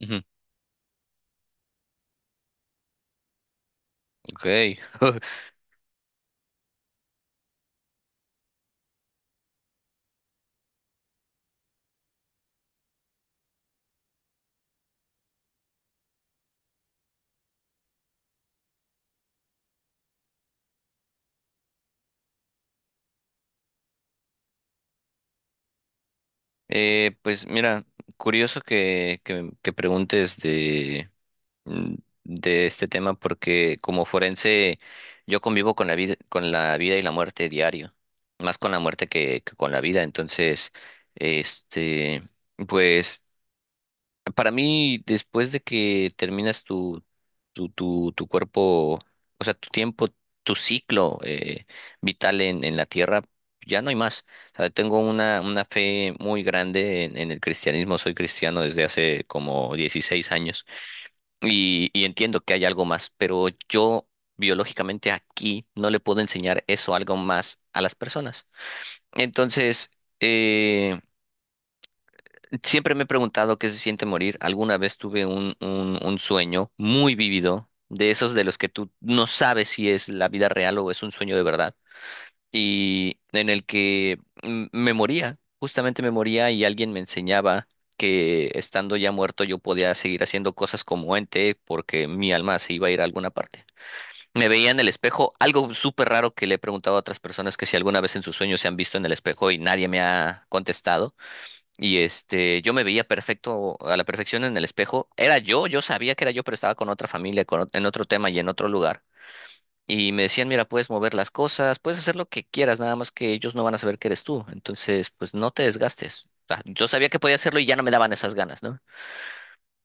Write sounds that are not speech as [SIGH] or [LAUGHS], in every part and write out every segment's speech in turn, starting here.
Ujú. Ok. [LAUGHS] Pues mira, curioso que preguntes de, mm, de este tema porque como forense yo convivo con la vida y la muerte diario, más con la muerte que con la vida. Entonces, este, pues para mí, después de que terminas tu, tu cuerpo, o sea, tu tiempo, tu ciclo vital en la tierra, ya no hay más. O sea, tengo una fe muy grande en el cristianismo. Soy cristiano desde hace como 16 años y entiendo que hay algo más, pero yo biológicamente aquí no le puedo enseñar eso, algo más a las personas. Entonces, eh, siempre me he preguntado qué se siente morir. Alguna vez tuve un, un sueño muy vívido, de esos de los que tú no sabes si es la vida real o es un sueño de verdad, y en el que me moría, justamente me moría y alguien me enseñaba que estando ya muerto yo podía seguir haciendo cosas como ente porque mi alma se iba a ir a alguna parte. Me veía en el espejo, algo súper raro que le he preguntado a otras personas que si alguna vez en sus sueños se han visto en el espejo y nadie me ha contestado y yo me veía perfecto a la perfección en el espejo. Era yo, yo sabía que era yo, pero estaba con otra familia, con, en otro tema y en otro lugar. Y me decían, mira, puedes mover las cosas, puedes hacer lo que quieras, nada más que ellos no van a saber que eres tú. Entonces, pues no te desgastes. O sea, yo sabía que podía hacerlo y ya no me daban esas ganas, ¿no?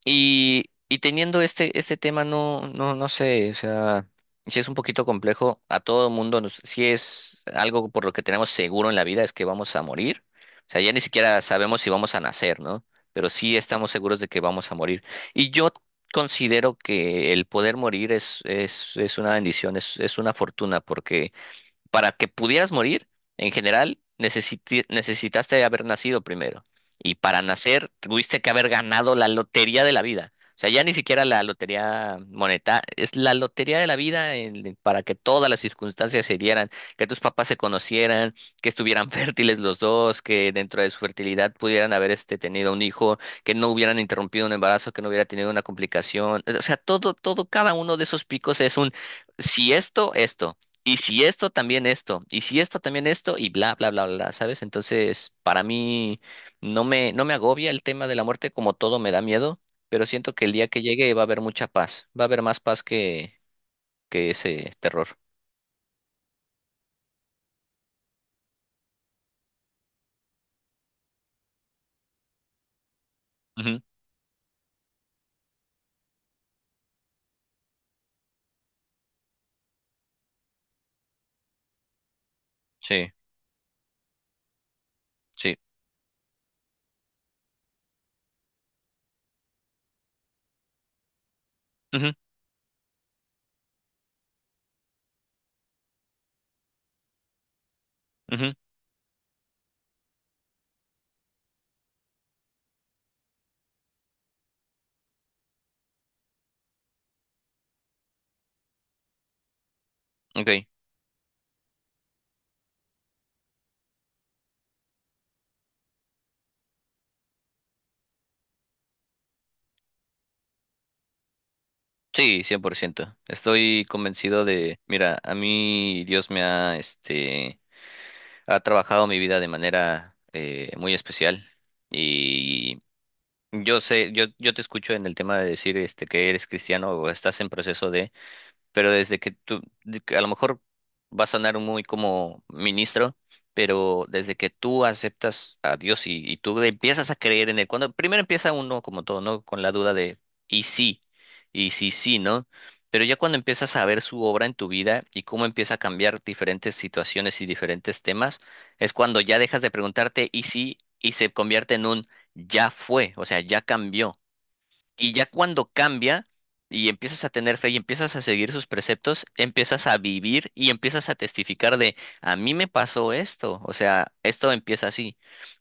Y teniendo este, este tema, no, no sé, o sea, si es un poquito complejo, a todo mundo, nos, si es algo por lo que tenemos seguro en la vida, es que vamos a morir. O sea, ya ni siquiera sabemos si vamos a nacer, ¿no? Pero sí estamos seguros de que vamos a morir. Y yo considero que el poder morir es una bendición, es una fortuna, porque para que pudieras morir, en general, necesitaste haber nacido primero. Y para nacer, tuviste que haber ganado la lotería de la vida. O sea, ya ni siquiera la lotería monetaria, es la lotería de la vida para que todas las circunstancias se dieran, que tus papás se conocieran, que estuvieran [LAUGHS] fértiles los dos, que dentro de su fertilidad pudieran haber tenido un hijo, que no hubieran interrumpido un embarazo, que no hubiera tenido una complicación. O sea, todo, todo, cada uno de esos picos es un, si esto, esto. Y si esto, también esto. Y si esto, también esto. Y bla, bla, bla, bla, ¿sabes? Entonces, para mí no me, no me agobia el tema de la muerte, como todo me da miedo, pero siento que el día que llegue va a haber mucha paz. Va a haber más paz que ese terror. Ujú. Sí, sí. Ujú, ujú. Ok. Sí, 100%. Estoy convencido de, mira, a mí Dios me ha, ha trabajado mi vida de manera muy especial. Yo sé, yo te escucho en el tema de decir este que eres cristiano o estás en proceso de, pero desde que tú, de que a lo mejor va a sonar muy como ministro, pero desde que tú aceptas a Dios y tú empiezas a creer en él, cuando primero empieza uno como todo, ¿no? Con la duda de, y sí, y sí, sí, ¿no? Pero ya cuando empiezas a ver su obra en tu vida y cómo empieza a cambiar diferentes situaciones y diferentes temas, es cuando ya dejas de preguntarte, y sí, y se convierte en un ya fue, o sea, ya cambió. Y ya cuando cambia y empiezas a tener fe y empiezas a seguir sus preceptos, empiezas a vivir y empiezas a testificar de, a mí me pasó esto, o sea, esto empieza así.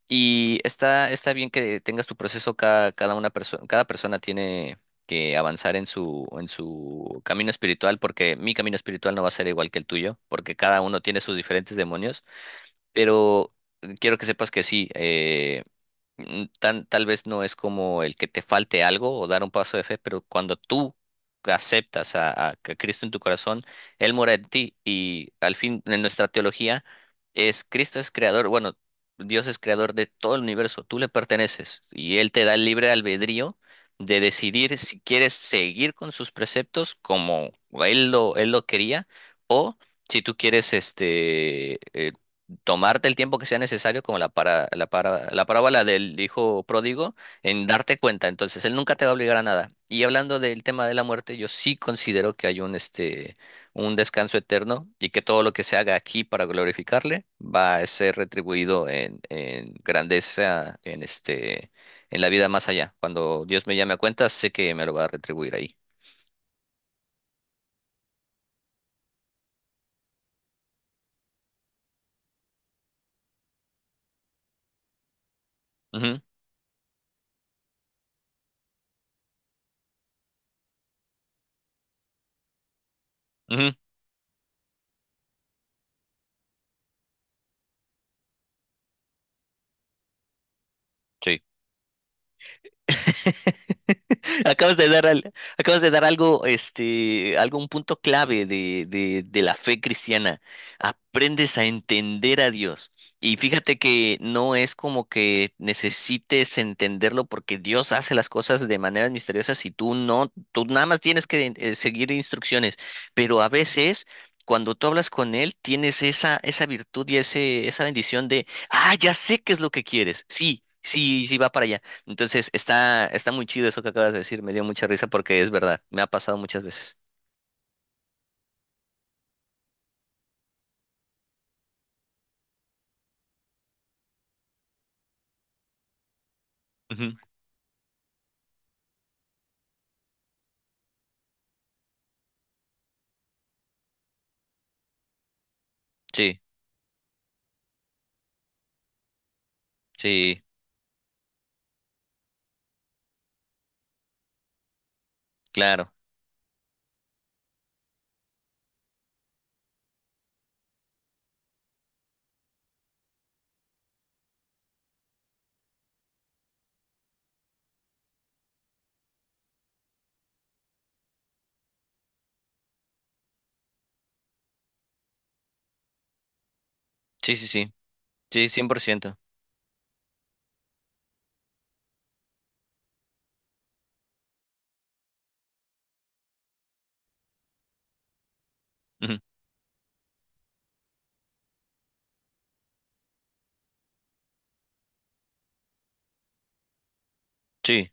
Y está, está bien que tengas tu proceso, cada, cada una persona, cada persona tiene que avanzar en su camino espiritual, porque mi camino espiritual no va a ser igual que el tuyo, porque cada uno tiene sus diferentes demonios, pero quiero que sepas que sí, tal vez no es como el que te falte algo o dar un paso de fe, pero cuando tú aceptas a que Cristo en tu corazón, Él mora en ti y al fin en nuestra teología es Cristo es creador, bueno, Dios es creador de todo el universo, tú le perteneces y Él te da el libre albedrío de decidir si quieres seguir con sus preceptos como Él lo quería o si tú quieres tomarte el tiempo que sea necesario, como la parábola del hijo pródigo, en darte cuenta. Entonces, él nunca te va a obligar a nada. Y hablando del tema de la muerte, yo sí considero que hay un un descanso eterno y que todo lo que se haga aquí para glorificarle va a ser retribuido en grandeza, en en la vida más allá. Cuando Dios me llame a cuenta, sé que me lo va a retribuir ahí. Ujú, ujú, sí. [LAUGHS] Acabas de dar algo, algún punto clave de, de la fe cristiana. Aprendes a entender a Dios. Y fíjate que no es como que necesites entenderlo porque Dios hace las cosas de maneras misteriosas y tú no, tú nada más tienes que seguir instrucciones. Pero a veces, cuando tú hablas con Él, tienes esa, esa virtud y ese, esa bendición de, ah, ya sé qué es lo que quieres. Sí, sí, sí va para allá. Entonces, está, está muy chido eso que acabas de decir, me dio mucha risa porque es verdad, me ha pasado muchas veces. Ujú. Sí, sí, claro. Sí, sí, sí. Sí, 100%. Ujú. Sí,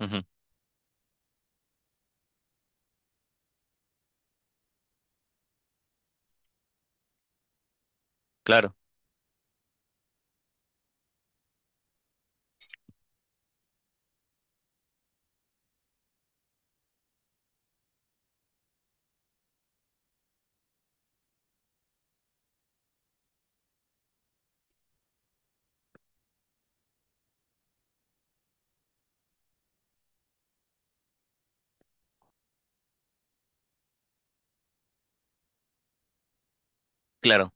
ujú. Claro, claro.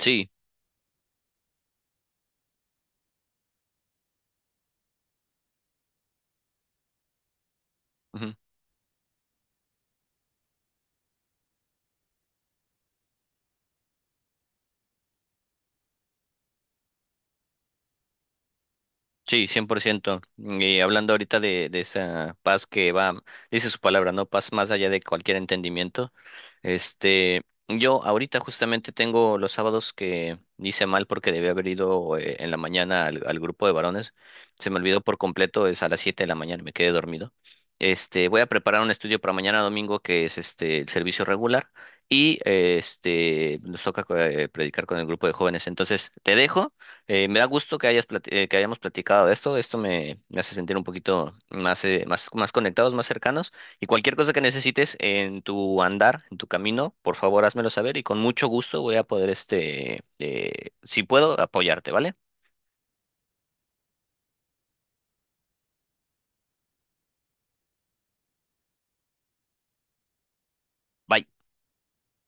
Sí. Sí, 100%. Y hablando ahorita de esa paz que va, dice su palabra, ¿no? Paz más allá de cualquier entendimiento. Este, yo ahorita justamente tengo los sábados que hice mal porque debía haber ido en la mañana al, al grupo de varones. Se me olvidó por completo, es a las 7 de la mañana, me quedé dormido. Voy a preparar un estudio para mañana domingo que es este el servicio regular y este nos toca predicar con el grupo de jóvenes. Entonces, te dejo. Me da gusto que que hayamos platicado de esto. Esto me, me hace sentir un poquito más, más, más conectados, más cercanos. Y cualquier cosa que necesites en tu andar, en tu camino, por favor, házmelo saber y con mucho gusto voy a poder, si puedo, apoyarte, ¿vale? Bye.